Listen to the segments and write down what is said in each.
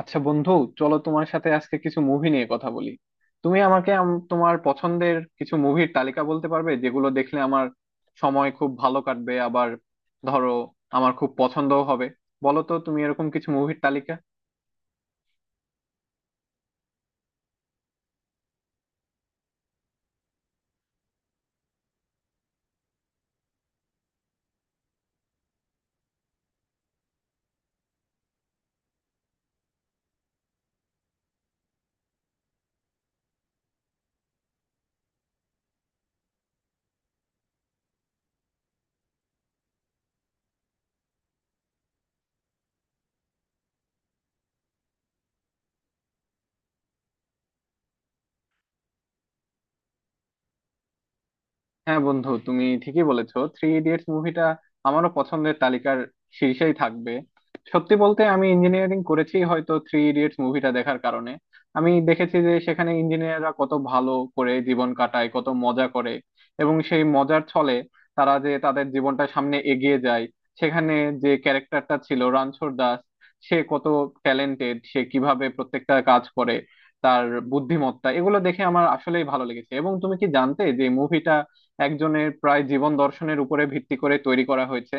আচ্ছা বন্ধু, চলো তোমার সাথে আজকে কিছু মুভি নিয়ে কথা বলি। তুমি আমাকে তোমার পছন্দের কিছু মুভির তালিকা বলতে পারবে, যেগুলো দেখলে আমার সময় খুব ভালো কাটবে, আবার ধরো আমার খুব পছন্দও হবে? বলো তো তুমি এরকম কিছু মুভির তালিকা। হ্যাঁ বন্ধু, তুমি ঠিকই বলেছো, থ্রি ইডিয়টস মুভিটা আমারও পছন্দের তালিকার শীর্ষেই থাকবে। সত্যি বলতে, আমি ইঞ্জিনিয়ারিং করেছি হয়তো থ্রি ইডিয়টস মুভিটা দেখার কারণে। আমি দেখেছি যে সেখানে ইঞ্জিনিয়াররা কত ভালো করে জীবন কাটায়, কত মজা করে, এবং সেই মজার ছলে তারা যে তাদের জীবনটা সামনে এগিয়ে যায়। সেখানে যে ক্যারেক্টারটা ছিল রানছোড় দাস, সে কত ট্যালেন্টেড, সে কিভাবে প্রত্যেকটা কাজ করে, তার বুদ্ধিমত্তা, এগুলো দেখে আমার আসলেই ভালো লেগেছে। এবং তুমি কি জানতে যে মুভিটা একজনের প্রায় জীবন দর্শনের উপরে ভিত্তি করে তৈরি করা হয়েছে?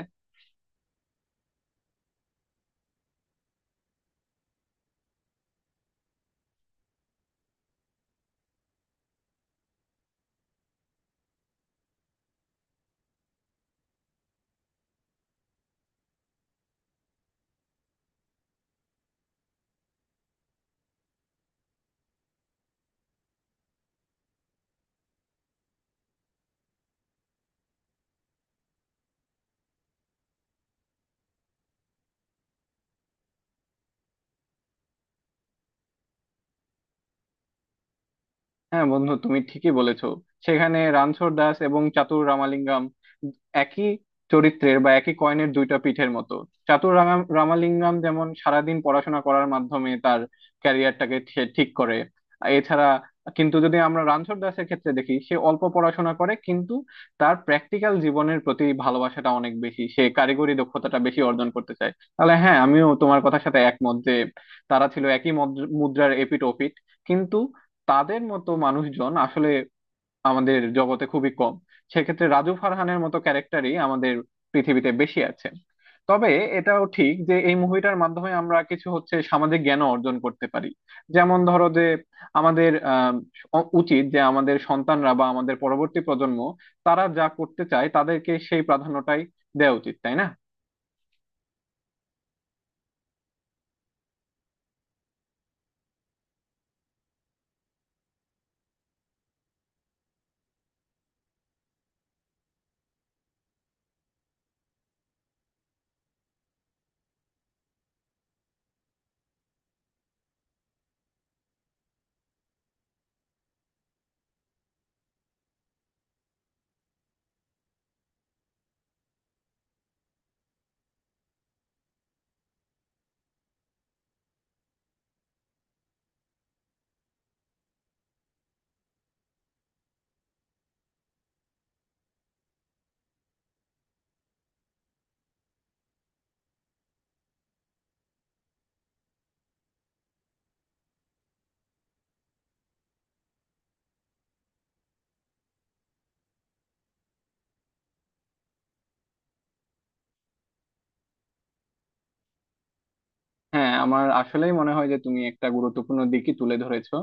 হ্যাঁ বন্ধু, তুমি ঠিকই বলেছো। সেখানে রানছোড় দাস এবং চাতুর রামালিঙ্গম একই চরিত্রের, বা একই কয়েনের দুইটা পিঠের মতো। চাতুর রামালিঙ্গম যেমন সারাদিন পড়াশোনা করার মাধ্যমে তার ক্যারিয়ারটাকে সে ঠিক করে, এছাড়া। কিন্তু যদি আমরা রানছোড় দাসের ক্ষেত্রে দেখি, সে অল্প পড়াশোনা করে, কিন্তু তার প্র্যাকটিক্যাল জীবনের প্রতি ভালোবাসাটা অনেক বেশি, সে কারিগরি দক্ষতাটা বেশি অর্জন করতে চায়। তাহলে হ্যাঁ, আমিও তোমার কথার সাথে একমত যে তারা ছিল একই মুদ্রার এপিঠ ওপিঠ। কিন্তু তাদের মতো মানুষজন আসলে আমাদের জগতে খুবই কম, সেক্ষেত্রে রাজু ফারহানের মতো ক্যারেক্টারই আমাদের পৃথিবীতে বেশি আছে। তবে এটাও ঠিক যে এই মুভিটার মাধ্যমে আমরা কিছু হচ্ছে সামাজিক জ্ঞান অর্জন করতে পারি। যেমন ধরো যে আমাদের উচিত যে আমাদের সন্তানরা বা আমাদের পরবর্তী প্রজন্ম, তারা যা করতে চায়, তাদেরকে সেই প্রাধান্যটাই দেওয়া উচিত, তাই না? হ্যাঁ, আমার আসলেই মনে হয় যে তুমি একটা গুরুত্বপূর্ণ দিকই তুলে ধরেছো,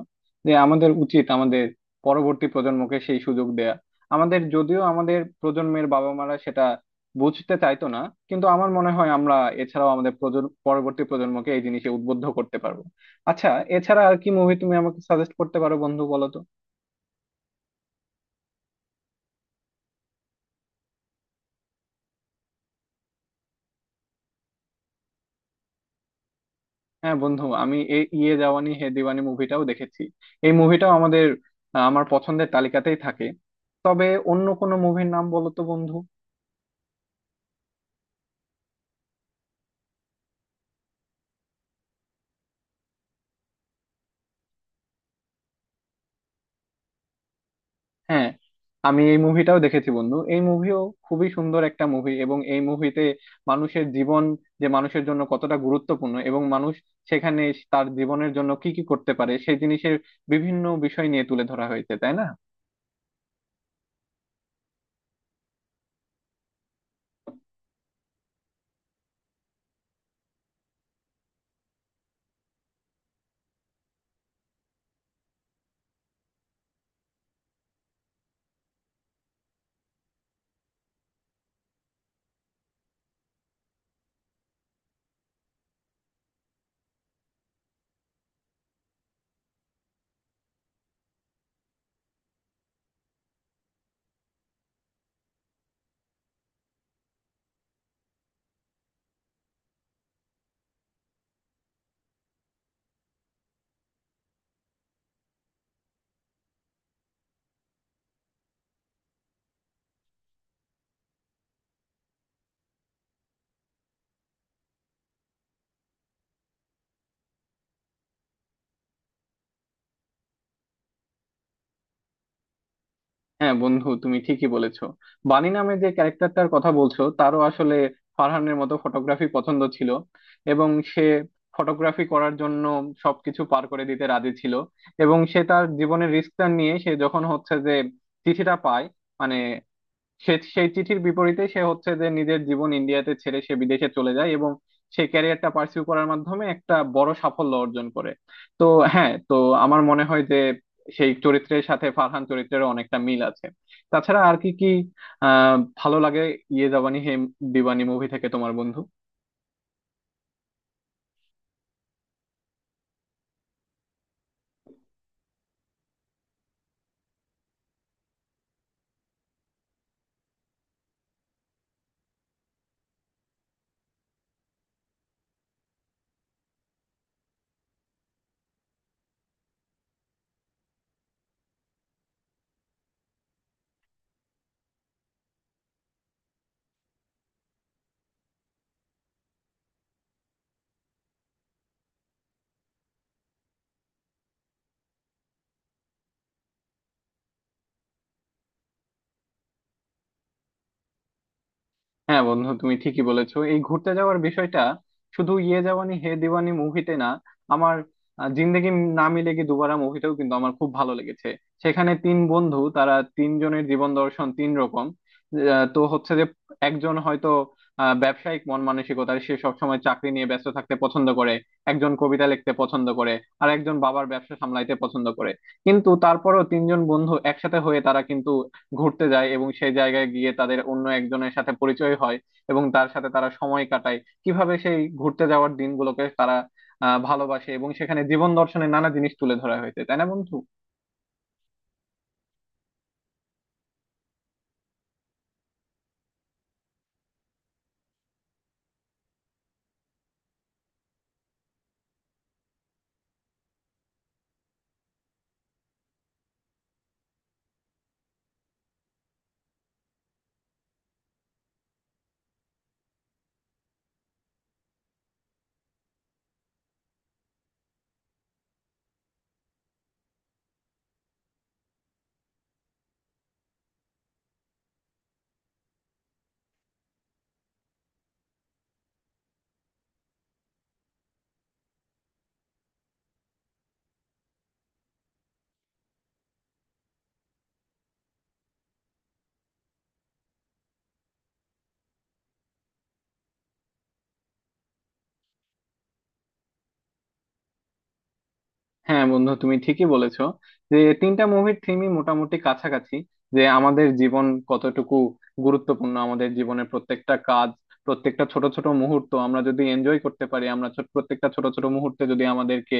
যে আমাদের উচিত আমাদের পরবর্তী প্রজন্মকে সেই সুযোগ দেয়া। আমাদের, যদিও আমাদের প্রজন্মের বাবা মারা সেটা বুঝতে চাইতো না, কিন্তু আমার মনে হয় আমরা, এছাড়াও আমাদের প্রজন্ম, পরবর্তী প্রজন্মকে এই জিনিসে উদ্বুদ্ধ করতে পারবো। আচ্ছা, এছাড়া আর কি মুভি তুমি আমাকে সাজেস্ট করতে পারো বন্ধু, বলো তো? হ্যাঁ বন্ধু, আমি এই ইয়ে জাওয়ানি হে দিওয়ানি মুভিটাও দেখেছি। এই মুভিটাও আমাদের, আমার পছন্দের তালিকাতেই থাকে। তবে অন্য কোনো মুভির নাম বলো তো বন্ধু। হ্যাঁ, আমি এই মুভিটাও দেখেছি বন্ধু। এই মুভিও খুবই সুন্দর একটা মুভি, এবং এই মুভিতে মানুষের জীবন যে মানুষের জন্য কতটা গুরুত্বপূর্ণ, এবং মানুষ সেখানে তার জীবনের জন্য কি কি করতে পারে, সেই জিনিসের বিভিন্ন বিষয় নিয়ে তুলে ধরা হয়েছে, তাই না? হ্যাঁ বন্ধু, তুমি ঠিকই বলেছো। বানি নামে যে ক্যারেক্টারটার কথা বলছো, তারও আসলে ফারহানের মতো ফটোগ্রাফি পছন্দ ছিল, এবং সে ফটোগ্রাফি করার জন্য সবকিছু পার করে দিতে রাজি ছিল। এবং সে তার জীবনের রিস্কটা নিয়ে, সে যখন হচ্ছে যে চিঠিটা পায়, মানে সে সেই চিঠির বিপরীতে সে হচ্ছে যে নিজের জীবন ইন্ডিয়াতে ছেড়ে সে বিদেশে চলে যায়, এবং সে ক্যারিয়ারটা পার্সিউ করার মাধ্যমে একটা বড় সাফল্য অর্জন করে। তো হ্যাঁ, তো আমার মনে হয় যে সেই চরিত্রের সাথে ফারহান চরিত্রেরও অনেকটা মিল আছে। তাছাড়া আর কি কি ভালো লাগে ইয়ে জাবানি হে দিওয়ানি মুভি থেকে, তোমার বন্ধু? হ্যাঁ বন্ধু, তুমি ঠিকই বলেছো। এই ঘুরতে যাওয়ার বিষয়টা শুধু ইয়ে জাওয়ানি হে দিওয়ানি মুভিতে না, আমার জিন্দেগি না মিলেগি দুবারা মুভিটাও কিন্তু আমার খুব ভালো লেগেছে। সেখানে তিন বন্ধু, তারা তিনজনের জীবন দর্শন তিন রকম। তো হচ্ছে যে একজন হয়তো ব্যবসায়িক মন মানসিকতার, সে সবসময় চাকরি নিয়ে ব্যস্ত থাকতে পছন্দ করে। একজন কবিতা লিখতে পছন্দ করে। আর একজন বাবার ব্যবসা সামলাইতে পছন্দ করে। কিন্তু তারপরও তিনজন বন্ধু একসাথে হয়ে তারা কিন্তু ঘুরতে যায়, এবং সেই জায়গায় গিয়ে তাদের অন্য একজনের সাথে পরিচয় হয়, এবং তার সাথে তারা সময় কাটায়। কিভাবে সেই ঘুরতে যাওয়ার দিনগুলোকে তারা ভালোবাসে, এবং সেখানে জীবন দর্শনের নানা জিনিস তুলে ধরা হয়েছে, তাই না বন্ধু? হ্যাঁ বন্ধু, তুমি ঠিকই বলেছো যে তিনটা মুভির থিমই মোটামুটি কাছাকাছি। যে আমাদের জীবন কতটুকু গুরুত্বপূর্ণ, আমাদের জীবনের প্রত্যেকটা কাজ, প্রত্যেকটা ছোট ছোট মুহূর্ত আমরা যদি এনজয় করতে পারি, আমরা প্রত্যেকটা ছোট ছোট মুহূর্তে যদি আমাদেরকে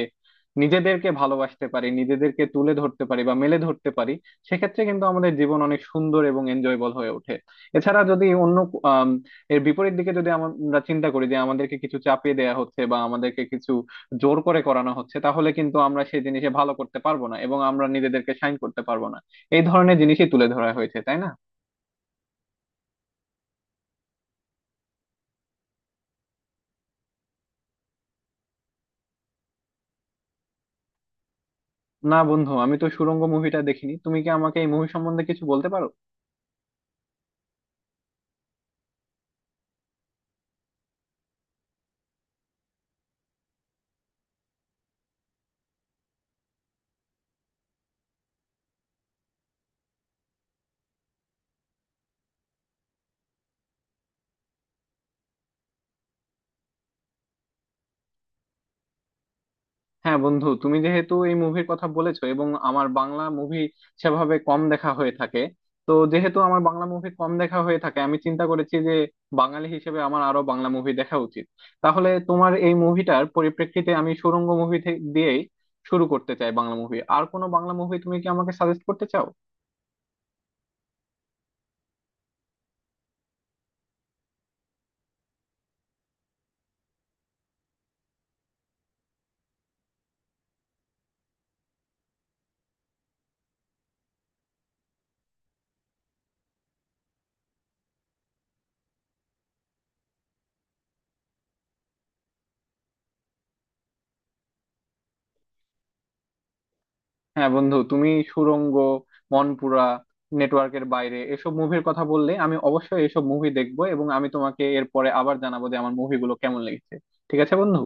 নিজেদেরকে ভালোবাসতে পারি, নিজেদেরকে তুলে ধরতে পারি বা মেলে ধরতে পারি, সেক্ষেত্রে কিন্তু আমাদের জীবন অনেক সুন্দর এবং এনজয়েবল হয়ে ওঠে। এছাড়া যদি অন্য, আম, এর বিপরীত দিকে যদি আমরা চিন্তা করি যে আমাদেরকে কিছু চাপিয়ে দেওয়া হচ্ছে বা আমাদেরকে কিছু জোর করে করানো হচ্ছে, তাহলে কিন্তু আমরা সেই জিনিসে ভালো করতে পারবো না, এবং আমরা নিজেদেরকে সাইন করতে পারবো না। এই ধরনের জিনিসই তুলে ধরা হয়েছে, তাই না? না বন্ধু, আমি তো সুড়ঙ্গ মুভিটা দেখিনি। তুমি কি আমাকে এই মুভি সম্বন্ধে কিছু বলতে পারো? হ্যাঁ বন্ধু, তুমি যেহেতু এই মুভির কথা বলেছো, এবং আমার বাংলা মুভি সেভাবে কম দেখা হয়ে থাকে, তো যেহেতু আমার বাংলা মুভি কম দেখা হয়ে থাকে, আমি চিন্তা করেছি যে বাঙালি হিসেবে আমার আরো বাংলা মুভি দেখা উচিত। তাহলে তোমার এই মুভিটার পরিপ্রেক্ষিতে আমি সুড়ঙ্গ মুভি দিয়েই শুরু করতে চাই বাংলা মুভি। আর কোনো বাংলা মুভি তুমি কি আমাকে সাজেস্ট করতে চাও? হ্যাঁ বন্ধু, তুমি সুড়ঙ্গ, মনপুরা, নেটওয়ার্কের বাইরে এসব মুভির কথা বললে, আমি অবশ্যই এসব মুভি দেখবো, এবং আমি তোমাকে এরপরে আবার জানাবো যে আমার মুভিগুলো কেমন লেগেছে। ঠিক আছে বন্ধু।